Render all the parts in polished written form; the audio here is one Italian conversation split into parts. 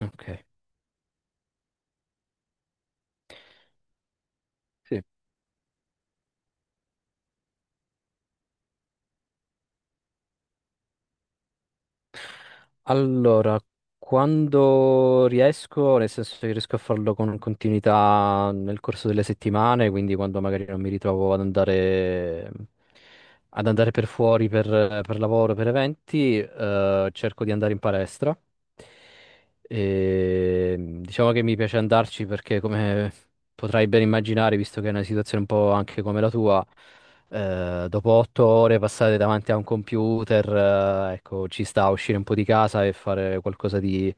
Ok, sì. Allora, quando riesco, nel senso che riesco a farlo con continuità nel corso delle settimane, quindi quando magari non mi ritrovo ad andare, per fuori per lavoro, per eventi, cerco di andare in palestra. E, diciamo che mi piace andarci perché, come potrai ben immaginare, visto che è una situazione un po' anche come la tua, dopo 8 ore passate davanti a un computer, ecco, ci sta a uscire un po' di casa e fare qualcosa di,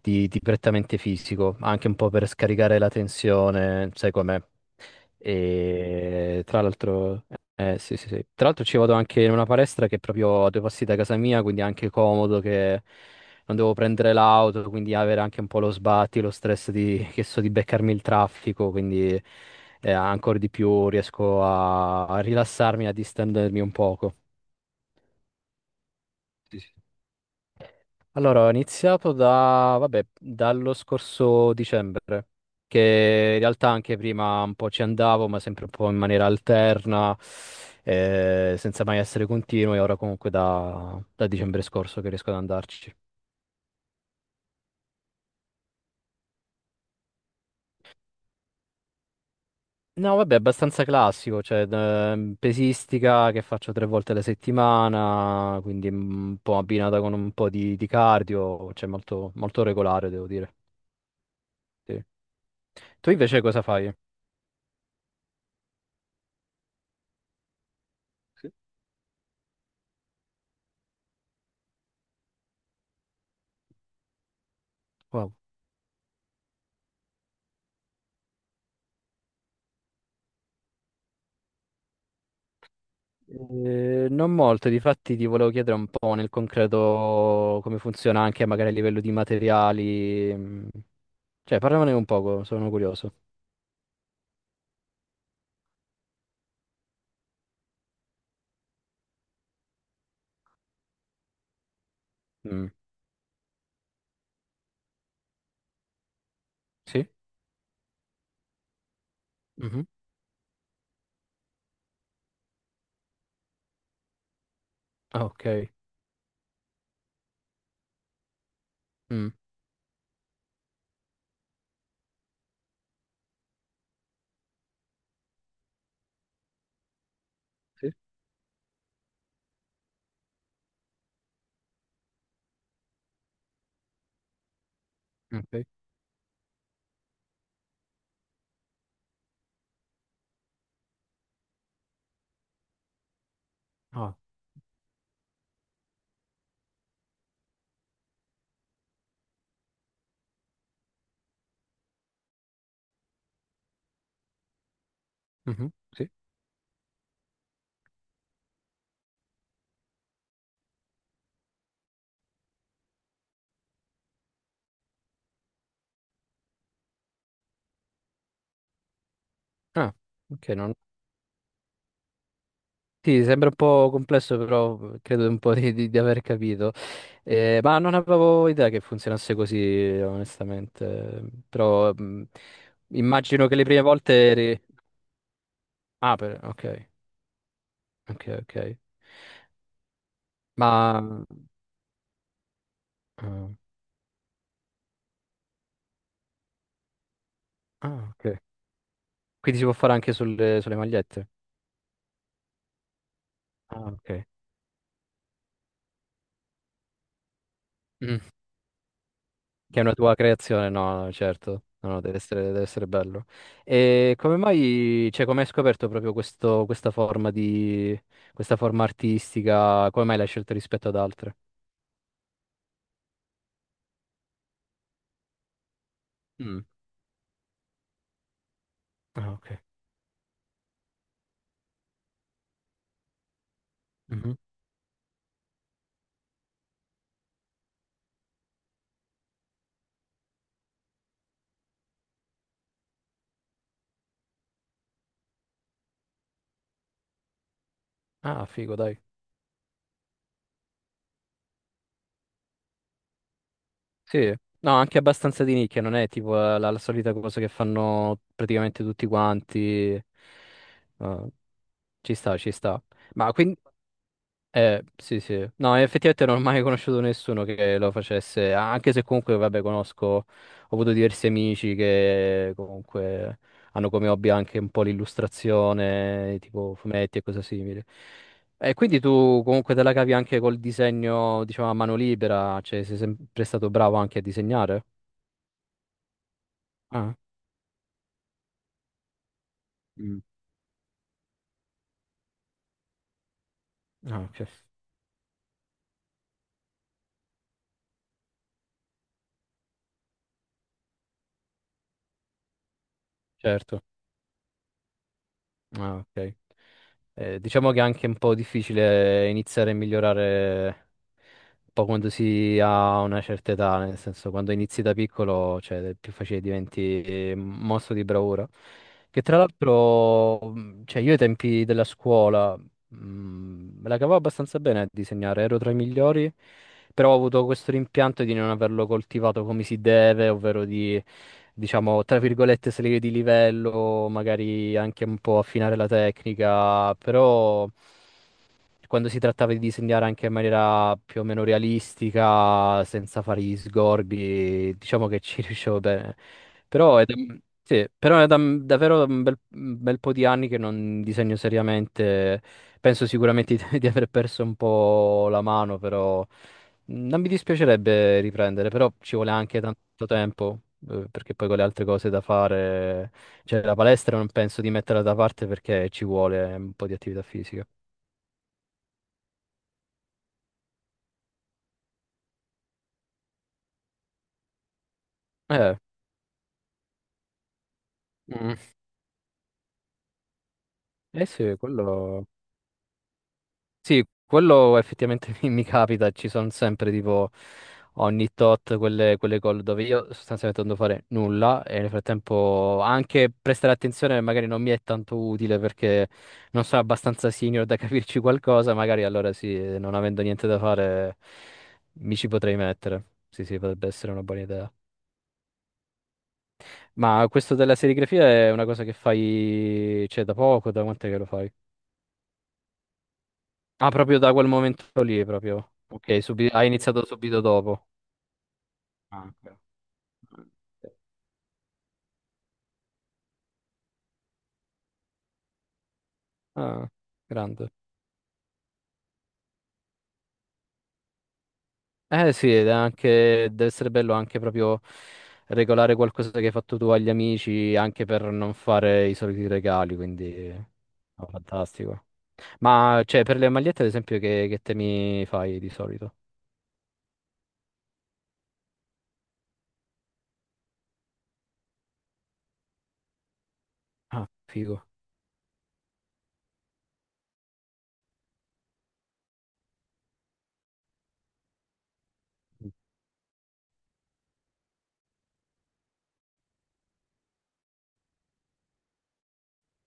di prettamente fisico, anche un po' per scaricare la tensione, sai com'è. E tra l'altro, sì, sì, sì. Tra l'altro ci vado anche in una palestra che è proprio a due passi da casa mia, quindi è anche comodo che non devo prendere l'auto, quindi avere anche un po' lo sbatti, lo stress di, che so, di beccarmi il traffico, quindi ancora di più riesco a, rilassarmi, a distendermi un poco. Sì, sì. Allora, ho iniziato da, vabbè, dallo scorso dicembre, che in realtà anche prima un po' ci andavo, ma sempre un po' in maniera alterna, senza mai essere continuo, e ora comunque da, dicembre scorso che riesco ad andarci. No, vabbè, abbastanza classico, cioè pesistica che faccio 3 volte alla settimana, quindi un po' abbinata con un po' di cardio, cioè molto, molto regolare, devo dire. Sì. Tu invece cosa fai? Sì. Wow. Non molto, difatti ti volevo chiedere un po' nel concreto come funziona anche magari a livello di materiali, cioè parlamene un poco, sono curioso. Mm. Sì? Mhm. Ah, ok. Mm. Sì. Ok. Ah, mhm, sì. Ah, ok, non, sì, sembra un po' complesso, però credo un po' di, di aver capito. Ma non avevo idea che funzionasse così, onestamente. Però immagino che le prime volte eri. Ah, ok, ok, ok. Ma... ah, ah, ok. Quindi si può fare anche sulle, magliette. Ah, ok. Che è una tua creazione, no, certo, no, no, deve essere, bello. E come mai, cioè, come hai scoperto proprio questa forma artistica? Come mai l'hai scelta rispetto ad altre? Mm. Ah, ok. Mhm. Ah, figo, dai. Sì, no, anche abbastanza di nicchia, non è tipo la solita cosa che fanno praticamente tutti quanti. Ah, ci sta, ci sta. Ma quindi. Sì, sì. No, effettivamente non ho mai conosciuto nessuno che lo facesse, anche se comunque, vabbè, conosco, ho avuto diversi amici che comunque hanno come hobby anche un po' l'illustrazione, tipo fumetti e cose simili. E quindi tu comunque te la cavi anche col disegno, diciamo, a mano libera, cioè sei sempre stato bravo anche a disegnare? Ah, Mm. Ah, ok, certo. Ah, ok. Diciamo che è anche un po' difficile iniziare a migliorare un po' quando si ha una certa età, nel senso quando inizi da piccolo, cioè è più facile diventi mostro di bravura. Che tra l'altro, cioè io ai tempi della scuola me la cavavo abbastanza bene a disegnare, ero tra i migliori, però ho avuto questo rimpianto di non averlo coltivato come si deve, ovvero di, diciamo, tra virgolette, salire di livello, magari anche un po' affinare la tecnica, però quando si trattava di disegnare anche in maniera più o meno realistica, senza fare gli sgorbi, diciamo che ci riuscivo bene. Però è da, sì, davvero un bel, po' di anni che non disegno seriamente. Penso sicuramente di, di aver perso un po' la mano, però non mi dispiacerebbe riprendere, però ci vuole anche tanto tempo, perché poi con le altre cose da fare, cioè la palestra non penso di metterla da parte perché ci vuole un po' di attività fisica. Eh, mm, eh sì, quello. Sì, quello effettivamente mi, capita, ci sono sempre tipo ogni tot quelle call dove io sostanzialmente non devo fare nulla e nel frattempo anche prestare attenzione magari non mi è tanto utile perché non sono abbastanza senior da capirci qualcosa, magari allora sì, non avendo niente da fare mi ci potrei mettere. Sì, sì, potrebbe essere una buona idea. Ma questo della serigrafia è una cosa che fai, cioè, da poco, da quant'è che lo fai? Ah, proprio da quel momento lì, proprio. Ok, hai iniziato subito dopo. Ah, ok. Ah, grande. Eh sì, ed è anche, deve essere bello anche proprio regolare qualcosa che hai fatto tu agli amici, anche per non fare i soliti regali, quindi no, fantastico. Ma cioè, per le magliette, ad esempio, che temi fai di solito? Ah, figo.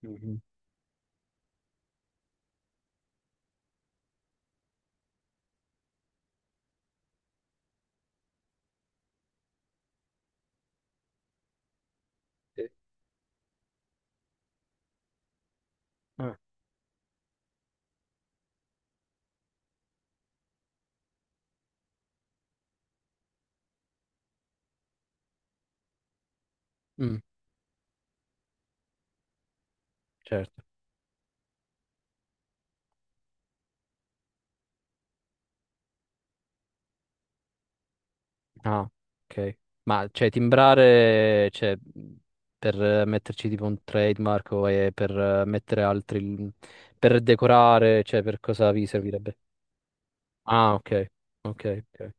Mhm. Sì. Ah, mm, certo. Ah, ok. Ma cioè timbrare, cioè, per metterci tipo un trademark o per mettere altri, per decorare, cioè per cosa vi servirebbe? Ah, ok. Ok, ok.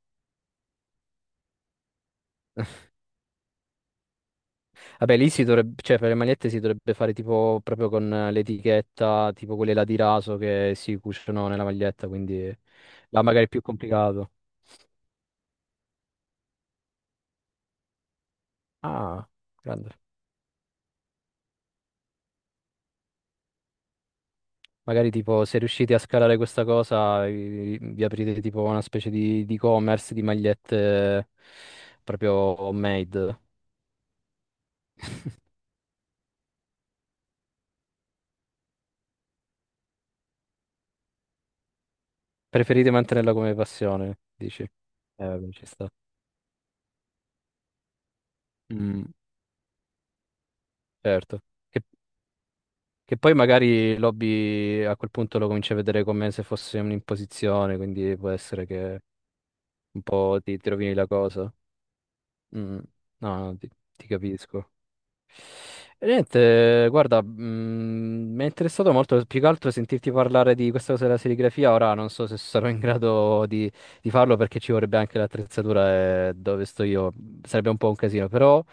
Vabbè, lì si dovrebbe, cioè per le magliette si dovrebbe fare tipo proprio con l'etichetta, tipo quelle là di raso che si cuciono nella maglietta, quindi là magari è più complicato. Ah, grande. Magari tipo se riuscite a scalare questa cosa, vi, aprite tipo una specie di e-commerce di magliette proprio homemade. Preferite mantenerla come passione, dici? Vabbè, ci sta. Mm, certo. Che, che poi magari l'hobby a quel punto lo cominci a vedere come se fosse un'imposizione, quindi può essere che un po' ti, rovini la cosa. Mm, no, no, ti capisco. E niente, guarda, mi è interessato molto più che altro sentirti parlare di questa cosa della serigrafia. Ora non so se sarò in grado di, farlo perché ci vorrebbe anche l'attrezzatura e dove sto io sarebbe un po' un casino, però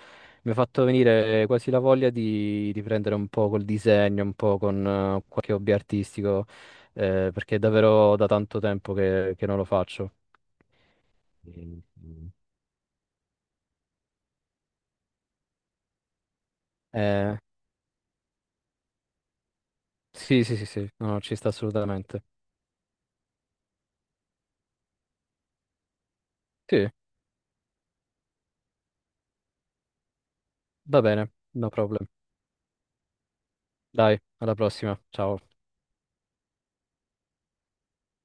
mi ha fatto venire quasi la voglia di, prendere un po' col disegno, un po' con qualche hobby artistico, perché è davvero da tanto tempo che non lo faccio. Mm, mm. Eh, sì, sì, sì, sì, no, no, ci sta assolutamente. Sì, va bene, no problem. Dai, alla prossima. Ciao.